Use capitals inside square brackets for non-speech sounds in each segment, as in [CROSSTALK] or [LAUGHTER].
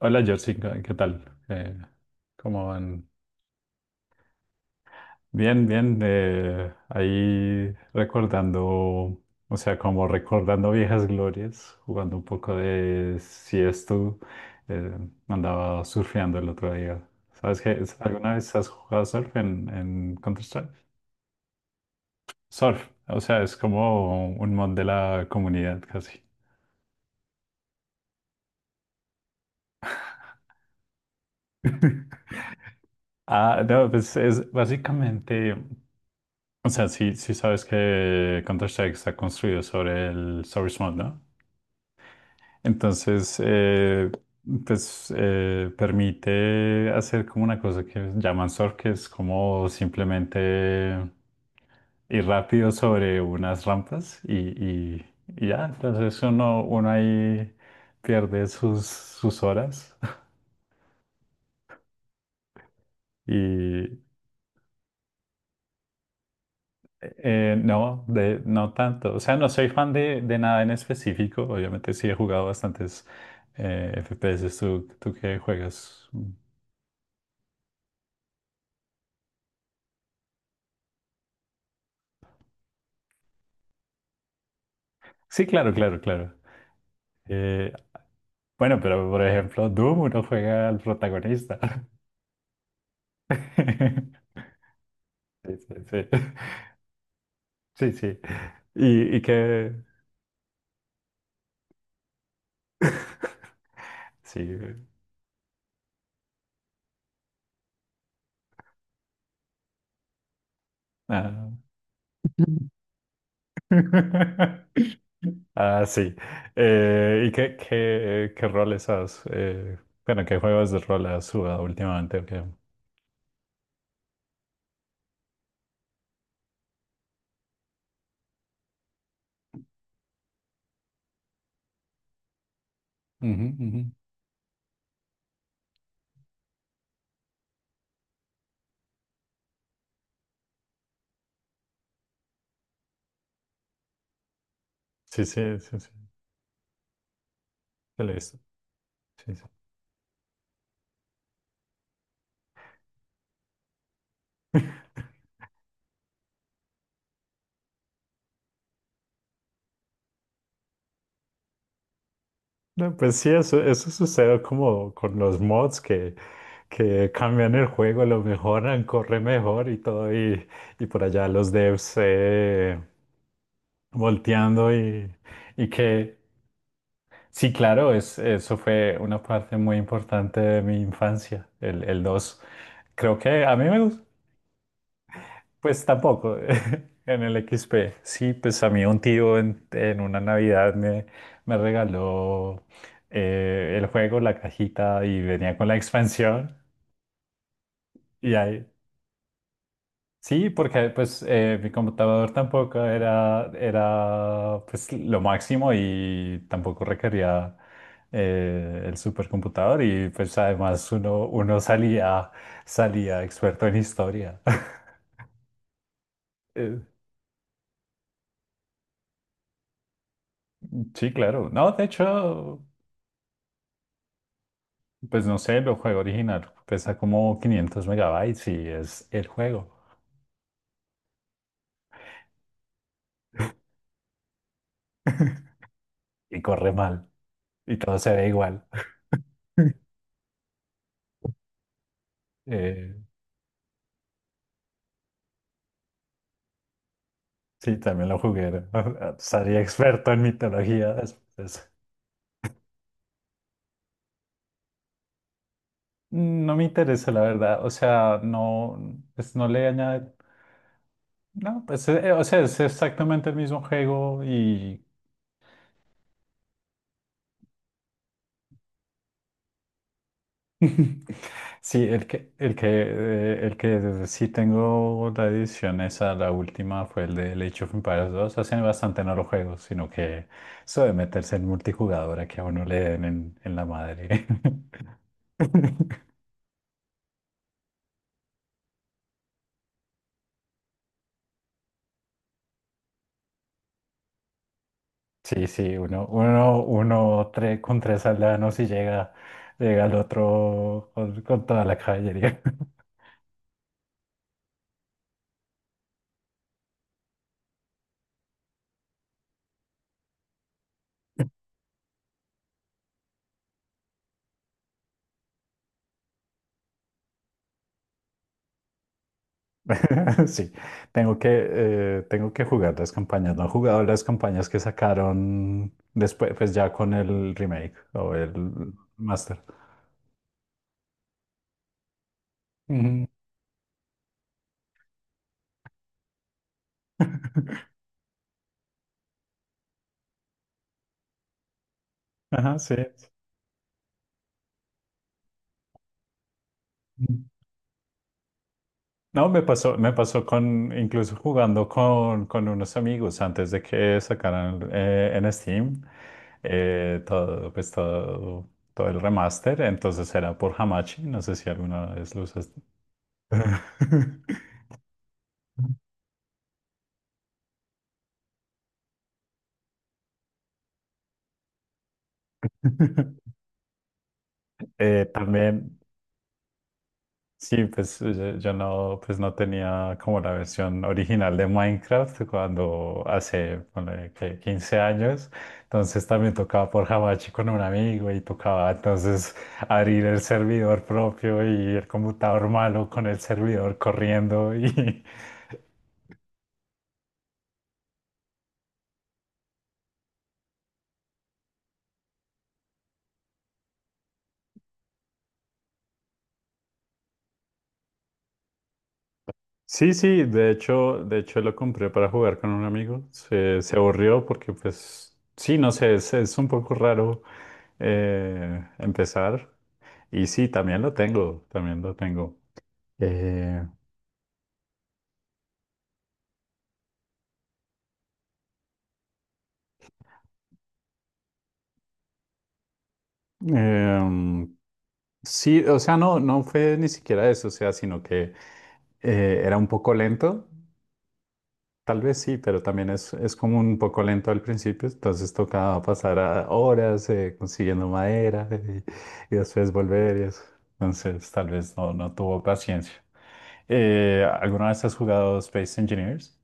Hola Jessica, ¿qué tal? Eh, ¿Cómo van? Bien, bien. Ahí recordando, o sea, como recordando viejas glorias, jugando un poco de Siesto. Eh, Andaba surfeando el otro día. ¿Sabes qué? ¿Alguna vez has jugado surf en Counter-Strike? Surf, o sea, es como un mod de la comunidad casi. [LAUGHS] Ah, no, pues es básicamente. O sea, sí, sí sabes que Counter-Strike está construido sobre el source mode, ¿no? Entonces, pues permite hacer como una cosa que llaman surf, que es como simplemente ir rápido sobre unas rampas y ya. Entonces uno ahí pierde sus horas. [LAUGHS] Y no, de, no tanto. O sea, no soy fan de nada en específico. Obviamente sí he jugado bastantes FPS. ¿Tú qué juegas? Sí, claro, claro, claro. Eh, bueno, pero por ejemplo, Doom uno juega al protagonista. [LAUGHS] Sí, sí, sí. Sí, sí. Y que... [LAUGHS] Sí. Ah. [LAUGHS] Ah, sí. ¿Y qué, qué, qué roles has? Bueno, ¿qué juegos de rol has jugado últimamente? ¿O qué? Ujú, ujú. Sí, sí, sí, sí. Te lo he visto. Sí, sí. No, pues sí, eso sucede como con los mods que cambian el juego, lo mejoran, corre mejor y todo, y por allá los devs volteando y que sí, claro, es, eso fue una parte muy importante de mi infancia, el dos. Creo que a mí me gustó. Pues tampoco, [LAUGHS] en el X P. Sí, pues a mí un tío en una Navidad me, me regaló el juego, la cajita y venía con la expansión. Y ahí, sí, porque pues mi computador tampoco era, era pues lo máximo y tampoco requería el supercomputador y pues además uno salía, salía experto en historia. [LAUGHS] Eh, sí, claro. No, de hecho, pues no sé, el juego original pesa como 500 megabytes y es el juego. [LAUGHS] Y corre mal. Y todo se ve igual. [LAUGHS] Eh, sí, también lo jugué. [LAUGHS] Sería experto en mitología después. No me interesa, la verdad. O sea, no, pues no le añade. No, pues, o sea, es exactamente el mismo juego y [LAUGHS] sí, el que, el que, el que sí tengo la edición esa, la última fue el de Age of Empires dos. Hace bastante no lo juego, sino que eso de meterse en multijugador a que a uno le den en la madre. [LAUGHS] Sí, sí, uno con tres aldeanos y llega, llega al otro con toda la caballería. [LAUGHS] Sí, tengo que jugar las campañas. No he jugado las campañas que sacaron después, pues ya con el remake o el master. Ujú. Ajá, sí. Mm. No, me pasó con, incluso jugando con unos amigos antes de que sacaran en Steam todo, pues todo, todo el remaster. Entonces era por Hamachi. No sé si alguna vez lo usaste. [LAUGHS] También. Sí, pues yo no, pues no tenía como la versión original de Minecraft cuando hace ponle, que 15 años, entonces también tocaba por Hamachi con un amigo y tocaba entonces abrir el servidor propio y el computador malo con el servidor corriendo y [LAUGHS] sí, sí, de hecho lo compré para jugar con un amigo. Se aburrió porque, pues, sí, no sé, es un poco raro empezar. Y sí, también lo tengo, también lo tengo. Eh, em, sí, o sea, no, no fue ni siquiera eso, o sea, sino que era un poco lento. Tal vez sí, pero también es como un poco lento al principio, entonces toca pasar a horas consiguiendo madera y después volver y eso. Entonces tal vez no, no tuvo paciencia. ¿Alguna vez has jugado Space Engineers?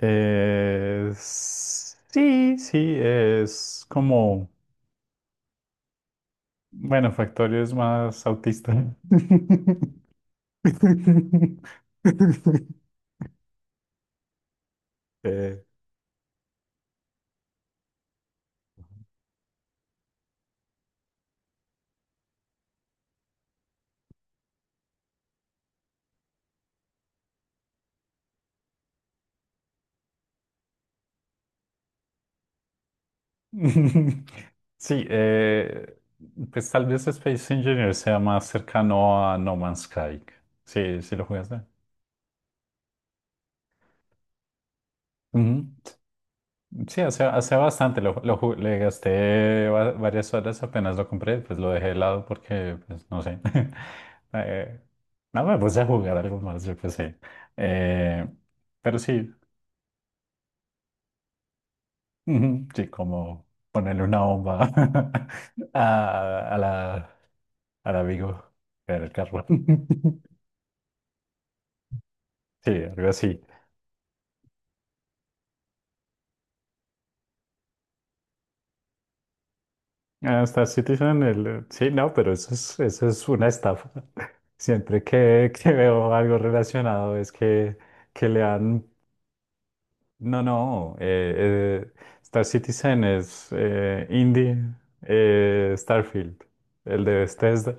Sí, sí, es como, bueno, Factorio es más autista. [LAUGHS] [LAUGHS] Eh, [LAUGHS] Sí, pues tal vez Space Engineer sea más cercano a No Man's Sky. Sí, sí lo jugaste. Ujú. Sí, hace, hace bastante, lo, le gasté varias horas apenas lo compré, pues lo dejé de lado porque, pues no sé. [LAUGHS] Eh, no me puse a jugar algo más, yo qué sé. Eh, pero sí, ujú, sí, como ponerle una bomba [LAUGHS] a la, al amigo en el carro. [LAUGHS] Sí, algo así. Hasta Citizen, el, sí, no, pero eso es una estafa. [LAUGHS] Siempre que veo algo relacionado es que le han... No, no, Star Citizen es indie, Starfield. El de Bethesda,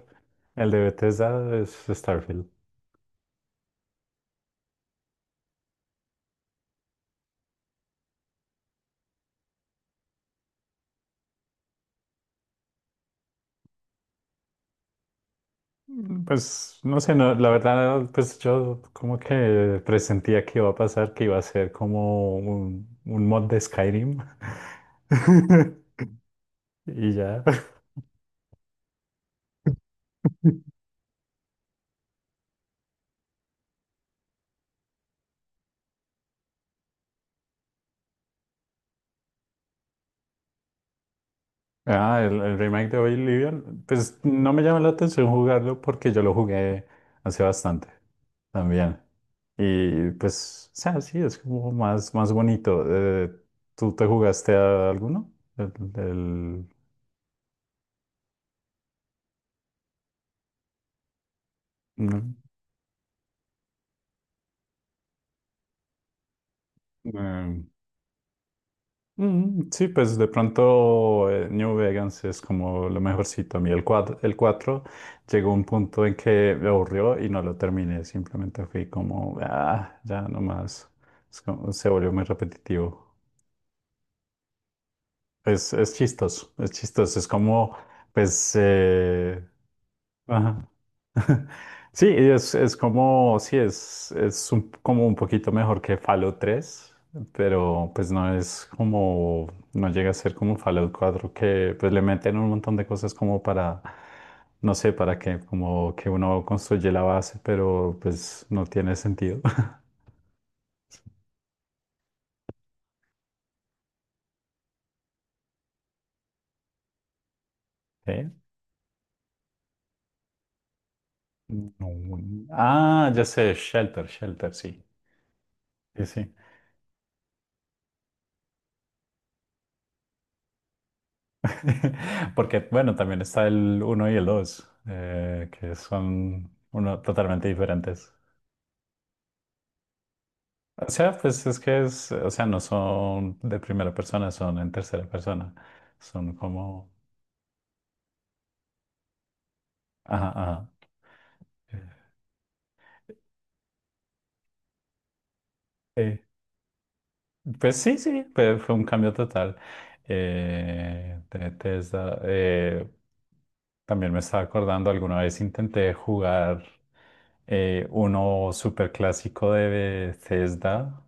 el de Bethesda es Starfield. Mm, pues no sé, no, la verdad, pues yo como que presentía que iba a pasar, que iba a ser como un mod de Skyrim. [LAUGHS] Y ya. [LAUGHS] Ah, el remake de Oblivion. Pues no me llama la atención jugarlo porque yo lo jugué hace bastante también. Y pues, o sea, sí, es como más, más bonito. ¿Tú te jugaste a alguno? El, el- no, eh, mm, sí, pues de pronto New Vegas es como lo mejorcito. A mí el 4 llegó un punto en que me aburrió y no lo terminé. Simplemente fui como, ah, ya nomás. Es como- se volvió muy repetitivo. Es chistoso, es chistoso. Es como, pues, ajá, [LAUGHS] sí, es como, sí, es, como un poquito mejor que Fallout tres, pero pues no es como, no llega a ser como Fallout cuatro que pues le meten un montón de cosas como para, no sé, para que como que uno construye la base, pero pues no tiene sentido. [LAUGHS] ¿Eh? No, no. Ah, ya sé, Shelter, Shelter, sí. Sí, sí. [LAUGHS] Porque, bueno, también está el uno y el 2 que son uno, totalmente diferentes. O sea, pues es que es, o sea, no son de primera persona, son en tercera persona. Son como, ajá, ajá. Eh, pues sí, sí, fue, fue un cambio total. De Tesla, también me estaba acordando, alguna vez intenté jugar. Uno súper clásico de Bethesda,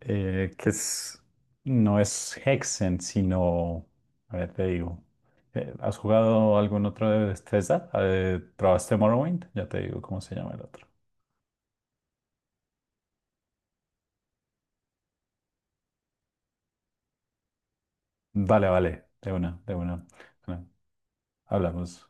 que es, no es Hexen, sino, a ver, te digo, ¿has jugado algún otro de Bethesda? ¿Probaste Morrowind? Ya te digo cómo se llama el otro. Vale, vale, de una, de una. Bueno, hablamos.